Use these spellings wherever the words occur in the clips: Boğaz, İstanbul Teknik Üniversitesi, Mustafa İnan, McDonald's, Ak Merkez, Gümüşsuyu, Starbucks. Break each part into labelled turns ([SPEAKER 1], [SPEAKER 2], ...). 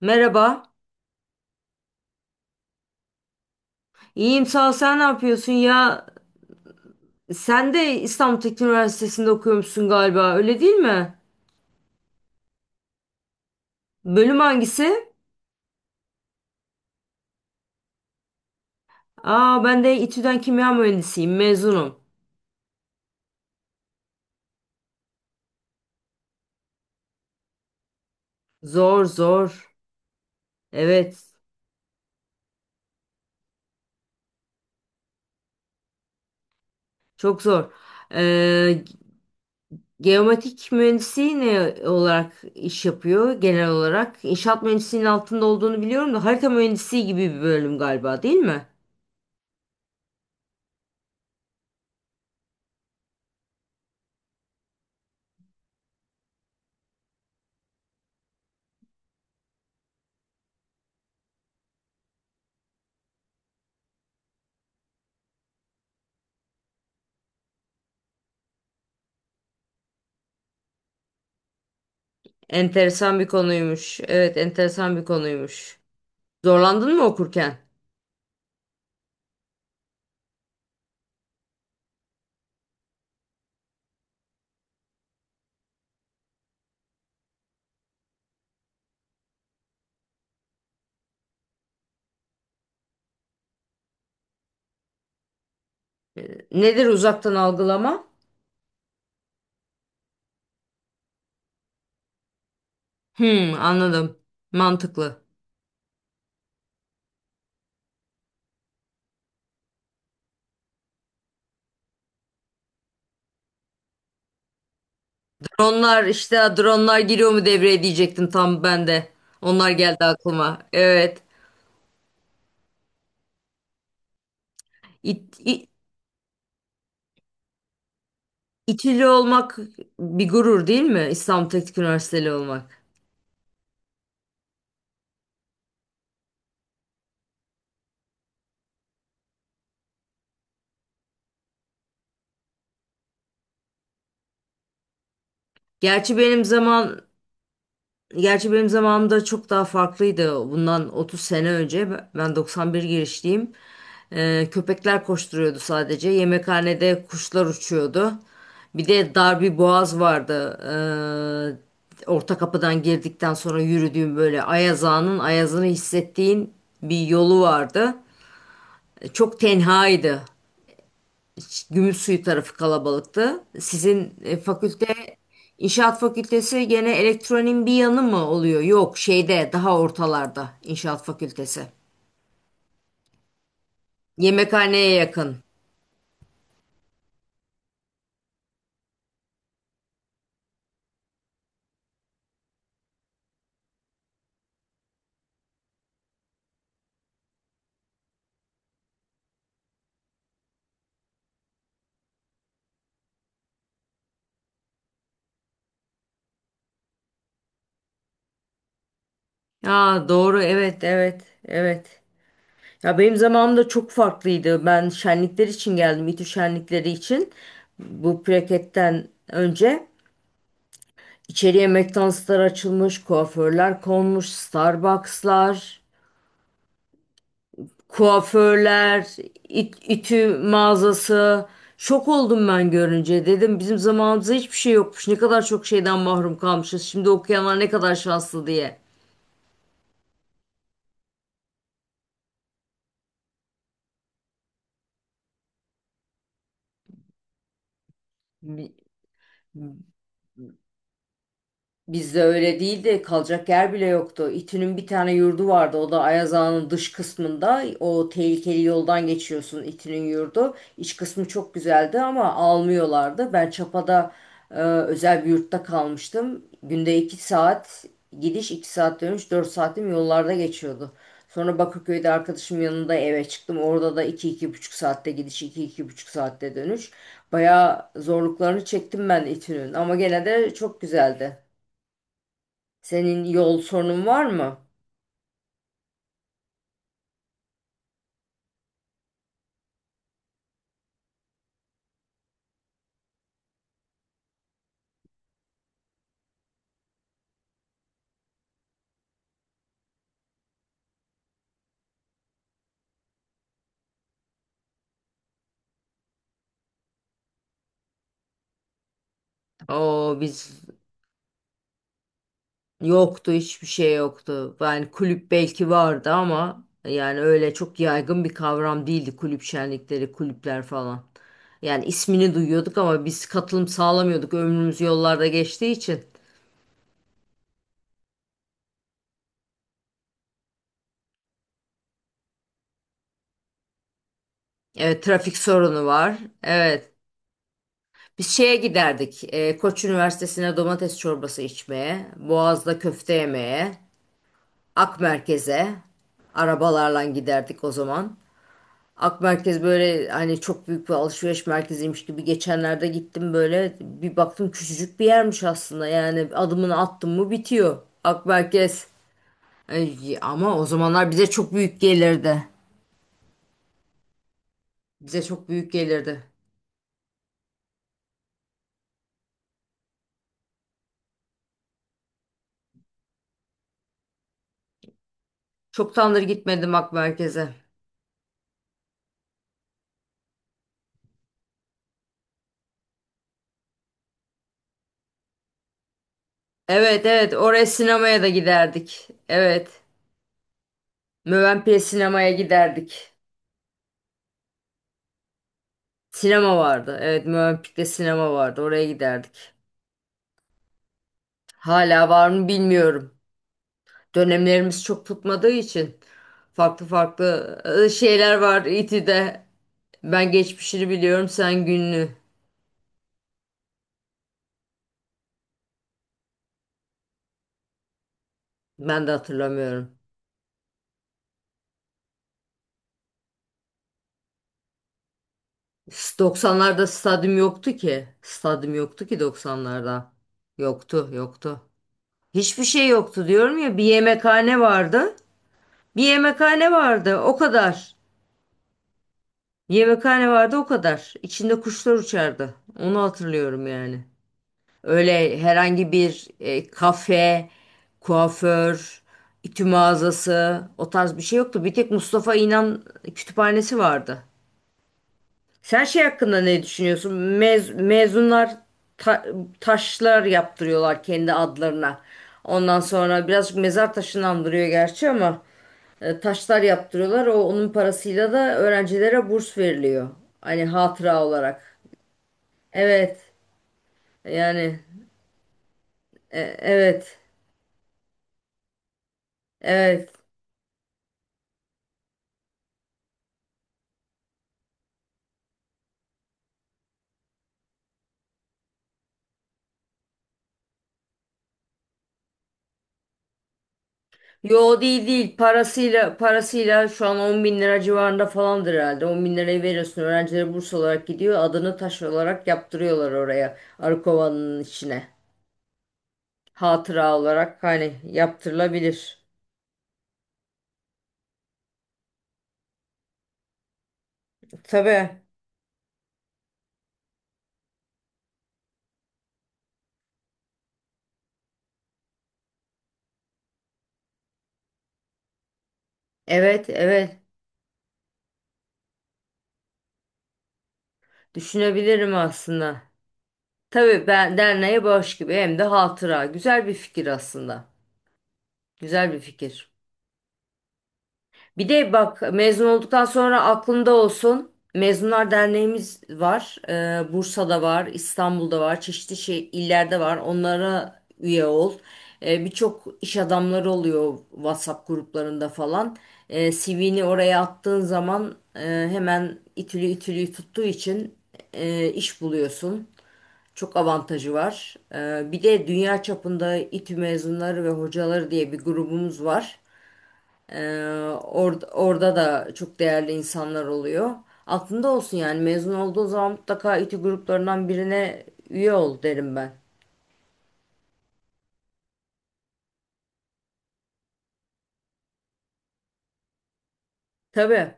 [SPEAKER 1] Merhaba. İyiyim sağ ol. Sen ne yapıyorsun ya? Sen de İstanbul Teknik Üniversitesi'nde okuyormuşsun galiba. Öyle değil mi? Bölüm hangisi? Aa, ben de İTÜ'den kimya mühendisiyim. Mezunum. Zor zor. Evet. Çok zor. Ee, Geomatik mühendisi ne olarak iş yapıyor genel olarak? İnşaat mühendisliğinin altında olduğunu biliyorum da harita mühendisi gibi bir bölüm galiba, değil mi? Enteresan bir konuymuş. Evet, enteresan bir konuymuş. Zorlandın mı okurken? Nedir uzaktan algılama? Hmm, anladım. Mantıklı. Dronlar işte, dronlar giriyor mu devreye diyecektim tam ben de. Onlar geldi aklıma. Evet. İt, İ- İTÜ'lü olmak bir gurur değil mi? İstanbul Teknik Üniversiteli olmak. Gerçi benim zaman Gerçi benim zamanımda çok daha farklıydı. Bundan 30 sene önce ben 91 girişliyim. Köpekler koşturuyordu sadece. Yemekhanede kuşlar uçuyordu. Bir de dar bir boğaz vardı. Orta kapıdan girdikten sonra yürüdüğüm, böyle Ayazağa'nın ayazını hissettiğin bir yolu vardı. Çok tenhaydı. Gümüşsuyu tarafı kalabalıktı. Sizin fakülte inşaat fakültesi gene elektronin bir yanı mı oluyor? Yok, şeyde daha ortalarda inşaat fakültesi. Yemekhaneye yakın. Ha, doğru, evet evet evet. Ya, benim zamanımda çok farklıydı. Ben şenlikler için geldim. İTÜ şenlikleri için. Bu plaketten önce içeriye McDonald'slar açılmış, kuaförler konmuş, Starbucks'lar. Kuaförler, ütü mağazası. Şok oldum ben görünce. Dedim bizim zamanımızda hiçbir şey yokmuş. Ne kadar çok şeyden mahrum kalmışız. Şimdi okuyanlar ne kadar şanslı diye. Bizde öyle değildi. Kalacak yer bile yoktu. İTÜ'nün bir tane yurdu vardı. O da Ayaz Ağa'nın dış kısmında. O tehlikeli yoldan geçiyorsun, İTÜ'nün yurdu. İç kısmı çok güzeldi ama almıyorlardı. Ben Çapa'da özel bir yurtta kalmıştım. Günde 2 saat gidiş, 2 saat dönüş, 4 saatim yollarda geçiyordu. Sonra Bakırköy'de arkadaşım yanında eve çıktım. Orada da iki iki buçuk saatte gidiş, iki iki buçuk saatte dönüş. Bayağı zorluklarını çektim ben İTÜ'nün ama gene de çok güzeldi. Senin yol sorunun var mı? O biz yoktu, hiçbir şey yoktu. Yani kulüp belki vardı ama yani öyle çok yaygın bir kavram değildi kulüp şenlikleri, kulüpler falan. Yani ismini duyuyorduk ama biz katılım sağlamıyorduk. Ömrümüz yollarda geçtiği için. Evet, trafik sorunu var. Evet. Biz şeye giderdik. Koç Üniversitesi'ne domates çorbası içmeye, Boğaz'da köfte yemeye, Ak Merkez'e arabalarla giderdik o zaman. Ak Merkez böyle hani çok büyük bir alışveriş merkeziymiş gibi, geçenlerde gittim böyle bir baktım küçücük bir yermiş aslında. Yani adımını attım mı bitiyor Ak Merkez. Ay, ama o zamanlar bize çok büyük gelirdi. Bize çok büyük gelirdi. Çoktandır gitmedim Ak Merkez'e. Evet evet, oraya sinemaya da giderdik. Evet. Mövenpik'e sinemaya giderdik. Sinema vardı. Evet, Mövenpik'te sinema vardı. Oraya giderdik. Hala var mı bilmiyorum. Dönemlerimiz çok tutmadığı için farklı farklı şeyler var İTÜ'de. Ben geçmişini biliyorum, sen gününü. Ben de hatırlamıyorum. 90'larda stadyum yoktu ki. Stadyum yoktu ki 90'larda. Yoktu, yoktu. Hiçbir şey yoktu diyorum ya. Bir yemekhane vardı. Bir yemekhane vardı. O kadar. Yemekhane vardı, o kadar. İçinde kuşlar uçardı. Onu hatırlıyorum yani. Öyle herhangi bir kafe, kuaför, ütü mağazası, o tarz bir şey yoktu. Bir tek Mustafa İnan kütüphanesi vardı. Sen şey hakkında ne düşünüyorsun? Mezunlar ta- taşlar yaptırıyorlar kendi adlarına. Ondan sonra birazcık mezar taşını andırıyor gerçi ama taşlar yaptırıyorlar. O onun parasıyla da öğrencilere burs veriliyor. Hani hatıra olarak. Evet. Yani evet. Evet. Yo, değil değil, parasıyla parasıyla şu an 10.000 lira civarında falandır herhalde. 10.000 lirayı veriyorsun, öğrencilere burs olarak gidiyor, adını taş olarak yaptırıyorlar oraya arı kovanın içine, hatıra olarak, hani yaptırılabilir. Tabii, evet evet, düşünebilirim aslında. Tabii, ben derneğe bağış gibi hem de hatıra, güzel bir fikir aslında, güzel bir fikir. Bir de bak, mezun olduktan sonra aklında olsun. Mezunlar Derneğimiz var. Bursa'da var, İstanbul'da var, çeşitli şey, illerde var. Onlara üye ol. Birçok iş adamları oluyor WhatsApp gruplarında falan. CV'ni oraya attığın zaman, hemen itülü itülü tuttuğu için iş buluyorsun. Çok avantajı var. Bir de dünya çapında İTÜ mezunları ve hocaları diye bir grubumuz var. Ee, Orada da çok değerli insanlar oluyor. Aklında olsun yani mezun olduğu zaman mutlaka İTÜ gruplarından birine üye ol derim ben. Tabii,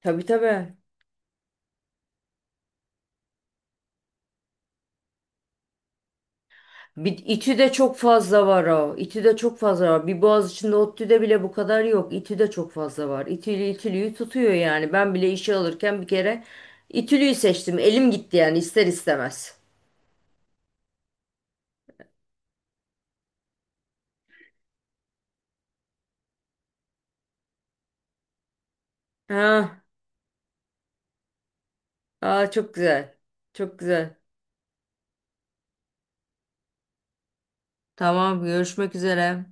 [SPEAKER 1] tabii tabii. Bir, İTÜ'de çok fazla var o. İTÜ'de çok fazla var. Bir Boğaziçi'nde, ODTÜ'de bile bu kadar yok. İTÜ'de çok fazla var. İTÜ'lü İTÜ'lüyü tutuyor yani. Ben bile işe alırken bir kere İTÜ'lüyü seçtim. Elim gitti yani ister istemez. Ha, aa, çok güzel. Çok güzel. Tamam, görüşmek üzere.